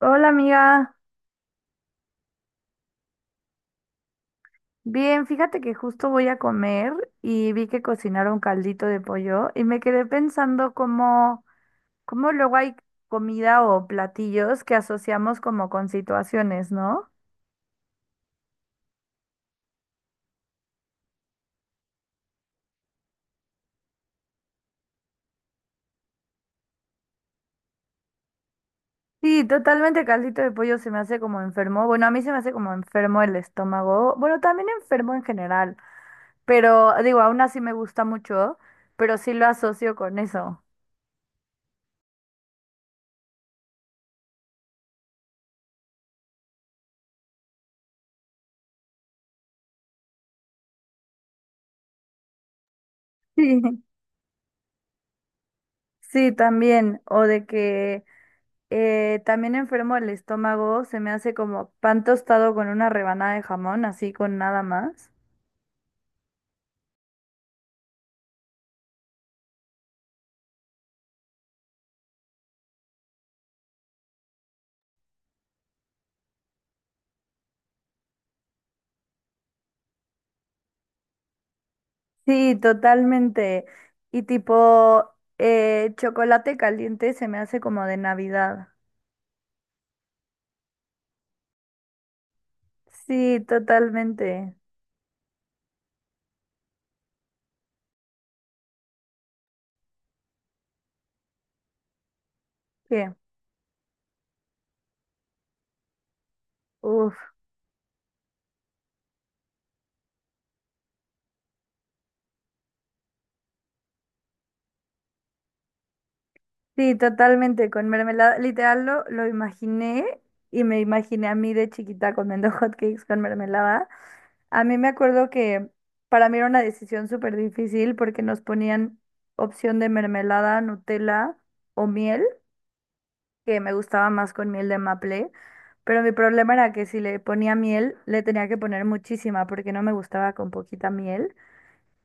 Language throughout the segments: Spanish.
Hola amiga, bien, fíjate que justo voy a comer y vi que cocinaron caldito de pollo y me quedé pensando cómo luego hay comida o platillos que asociamos como con situaciones, ¿no? Sí, totalmente caldito de pollo se me hace como enfermo. Bueno, a mí se me hace como enfermo el estómago. Bueno, también enfermo en general, pero digo, aún así me gusta mucho, pero sí lo asocio con eso. Sí, sí, también. O de que. También enfermo el estómago, se me hace como pan tostado con una rebanada de jamón, así con nada más. Sí, totalmente. Y tipo, chocolate caliente se me hace como de Navidad. Sí, totalmente. ¿Qué? Uf. Sí, totalmente, con mermelada. Literal lo imaginé y me imaginé a mí de chiquita comiendo hotcakes con mermelada. A mí me acuerdo que para mí era una decisión súper difícil porque nos ponían opción de mermelada, Nutella o miel, que me gustaba más con miel de maple, pero mi problema era que si le ponía miel, le tenía que poner muchísima porque no me gustaba con poquita miel.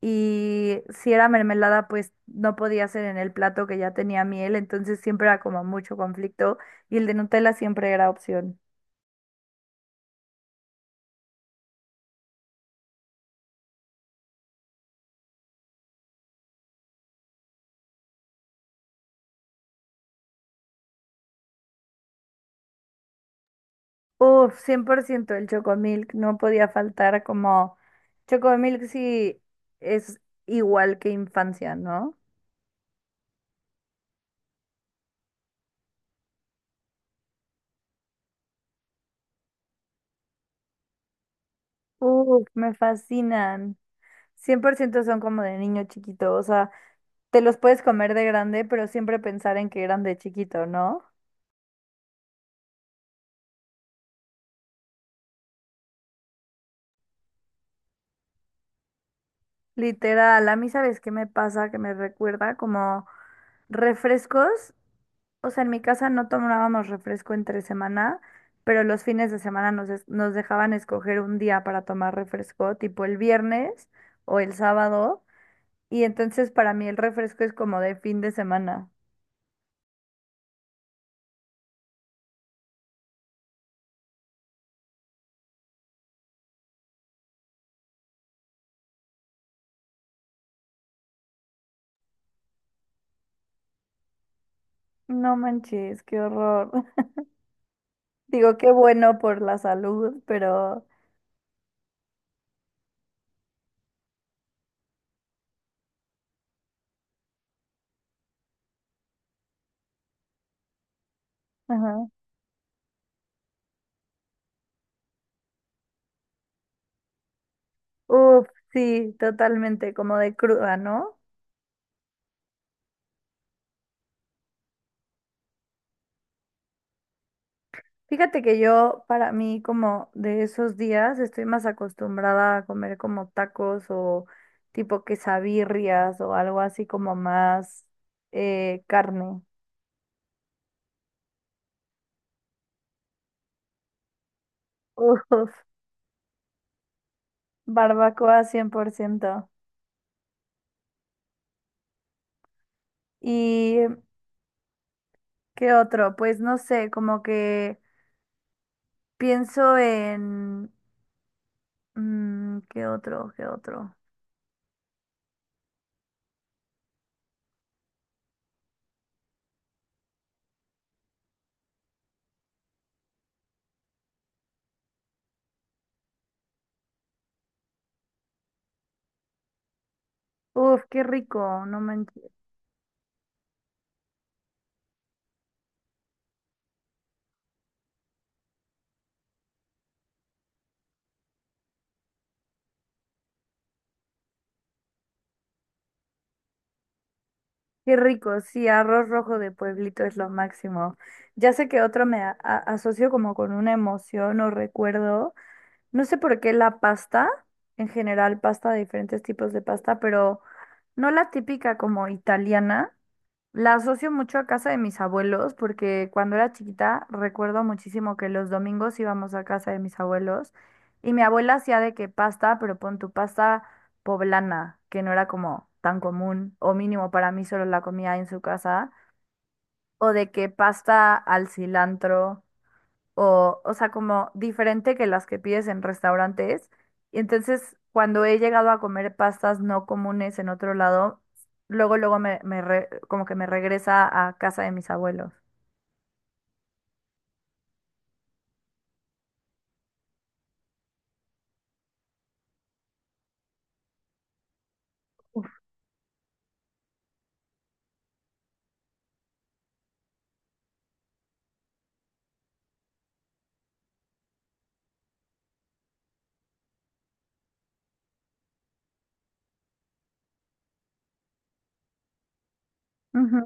Y si era mermelada, pues no podía ser en el plato que ya tenía miel, entonces siempre era como mucho conflicto y el de Nutella siempre era opción. Uf, 100% el Chocomilk, no podía faltar como. Chocomilk sí es igual que infancia, ¿no? Uf, me fascinan. 100% son como de niño chiquito, o sea, te los puedes comer de grande, pero siempre pensar en que eran de chiquito, ¿no? Literal, a mí sabes qué me pasa, que me recuerda como refrescos. O sea, en mi casa no tomábamos refresco entre semana, pero los fines de semana nos dejaban escoger un día para tomar refresco, tipo el viernes o el sábado. Y entonces para mí el refresco es como de fin de semana. No manches, qué horror. Digo, qué bueno por la salud, pero. Ajá. Uf, sí, totalmente, como de cruda, ¿no? Fíjate que yo, para mí, como de esos días, estoy más acostumbrada a comer como tacos o tipo quesabirrias o algo así como más carne. Uf, barbacoa 100%. ¿Y qué otro? Pues no sé, como que pienso en. Mm, ¿qué otro? ¿Qué otro? Uf, qué rico, no me. Qué rico, sí, arroz rojo de pueblito es lo máximo. Ya sé que otro me asocio como con una emoción o recuerdo. No sé por qué la pasta, en general pasta, diferentes tipos de pasta, pero no la típica como italiana. La asocio mucho a casa de mis abuelos porque cuando era chiquita recuerdo muchísimo que los domingos íbamos a casa de mis abuelos y mi abuela hacía de que pasta, pero pon tu pasta poblana, que no era como tan común o mínimo para mí solo la comía en su casa, o de que pasta al cilantro o sea, como diferente que las que pides en restaurantes. Y entonces, cuando he llegado a comer pastas no comunes en otro lado, luego, luego me como que me regresa a casa de mis abuelos. Ujú.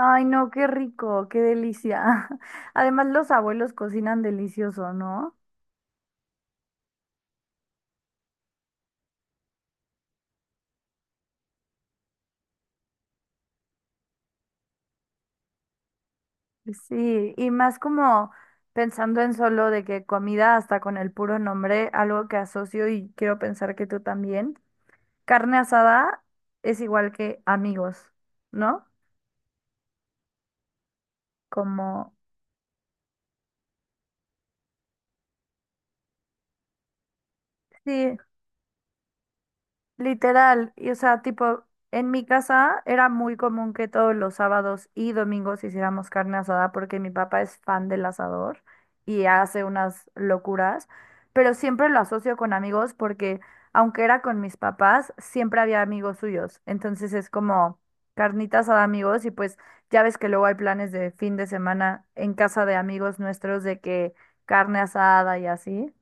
Ay, no, qué rico, qué delicia. Además, los abuelos cocinan delicioso, ¿no? Sí, y más como pensando en solo de que comida hasta con el puro nombre, algo que asocio y quiero pensar que tú también. Carne asada es igual que amigos, ¿no? Como, sí, literal, y o sea, tipo, en mi casa era muy común que todos los sábados y domingos hiciéramos carne asada porque mi papá es fan del asador y hace unas locuras, pero siempre lo asocio con amigos porque aunque era con mis papás, siempre había amigos suyos. Entonces es como carnita asada amigos y pues ya ves que luego hay planes de fin de semana en casa de amigos nuestros de que carne asada y así.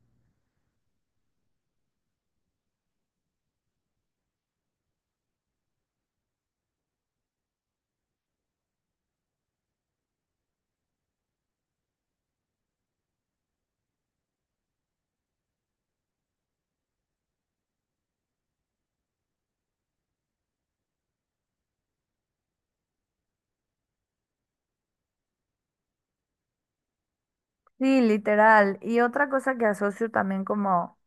Sí, literal. Y otra cosa que asocio también como.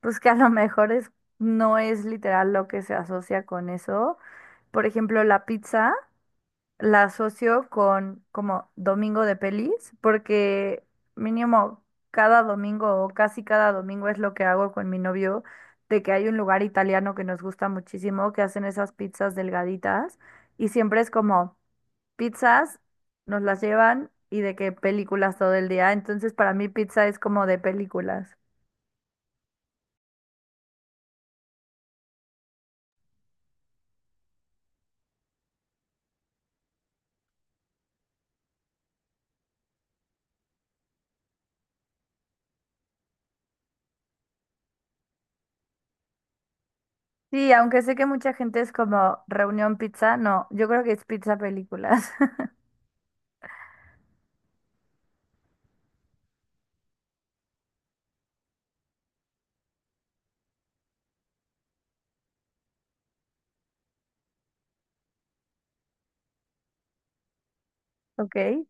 Pues que a lo mejor es, no es literal lo que se asocia con eso. Por ejemplo, la pizza la asocio con como domingo de pelis, porque mínimo cada domingo o casi cada domingo es lo que hago con mi novio, de que hay un lugar italiano que nos gusta muchísimo, que hacen esas pizzas delgaditas y siempre es como pizzas, nos las llevan y de qué películas todo el día. Entonces para mí pizza es como de películas. Sí, aunque sé que mucha gente es como reunión pizza, no, yo creo que es pizza películas. ¿Ok?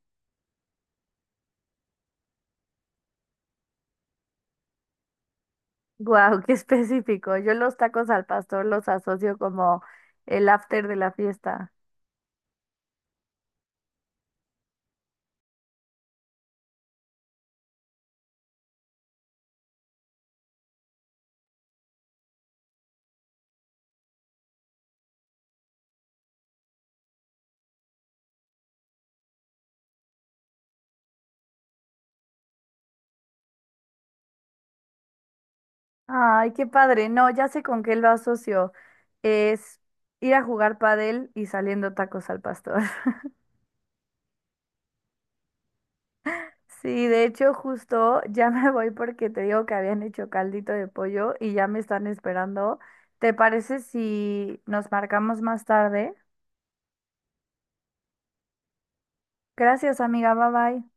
Wow, qué específico. Yo los tacos al pastor los asocio como el after de la fiesta. Ay, qué padre. No, ya sé con qué lo asocio. Es ir a jugar padel y saliendo tacos al pastor. Sí, de hecho, justo ya me voy porque te digo que habían hecho caldito de pollo y ya me están esperando. ¿Te parece si nos marcamos más tarde? Gracias, amiga. Bye bye.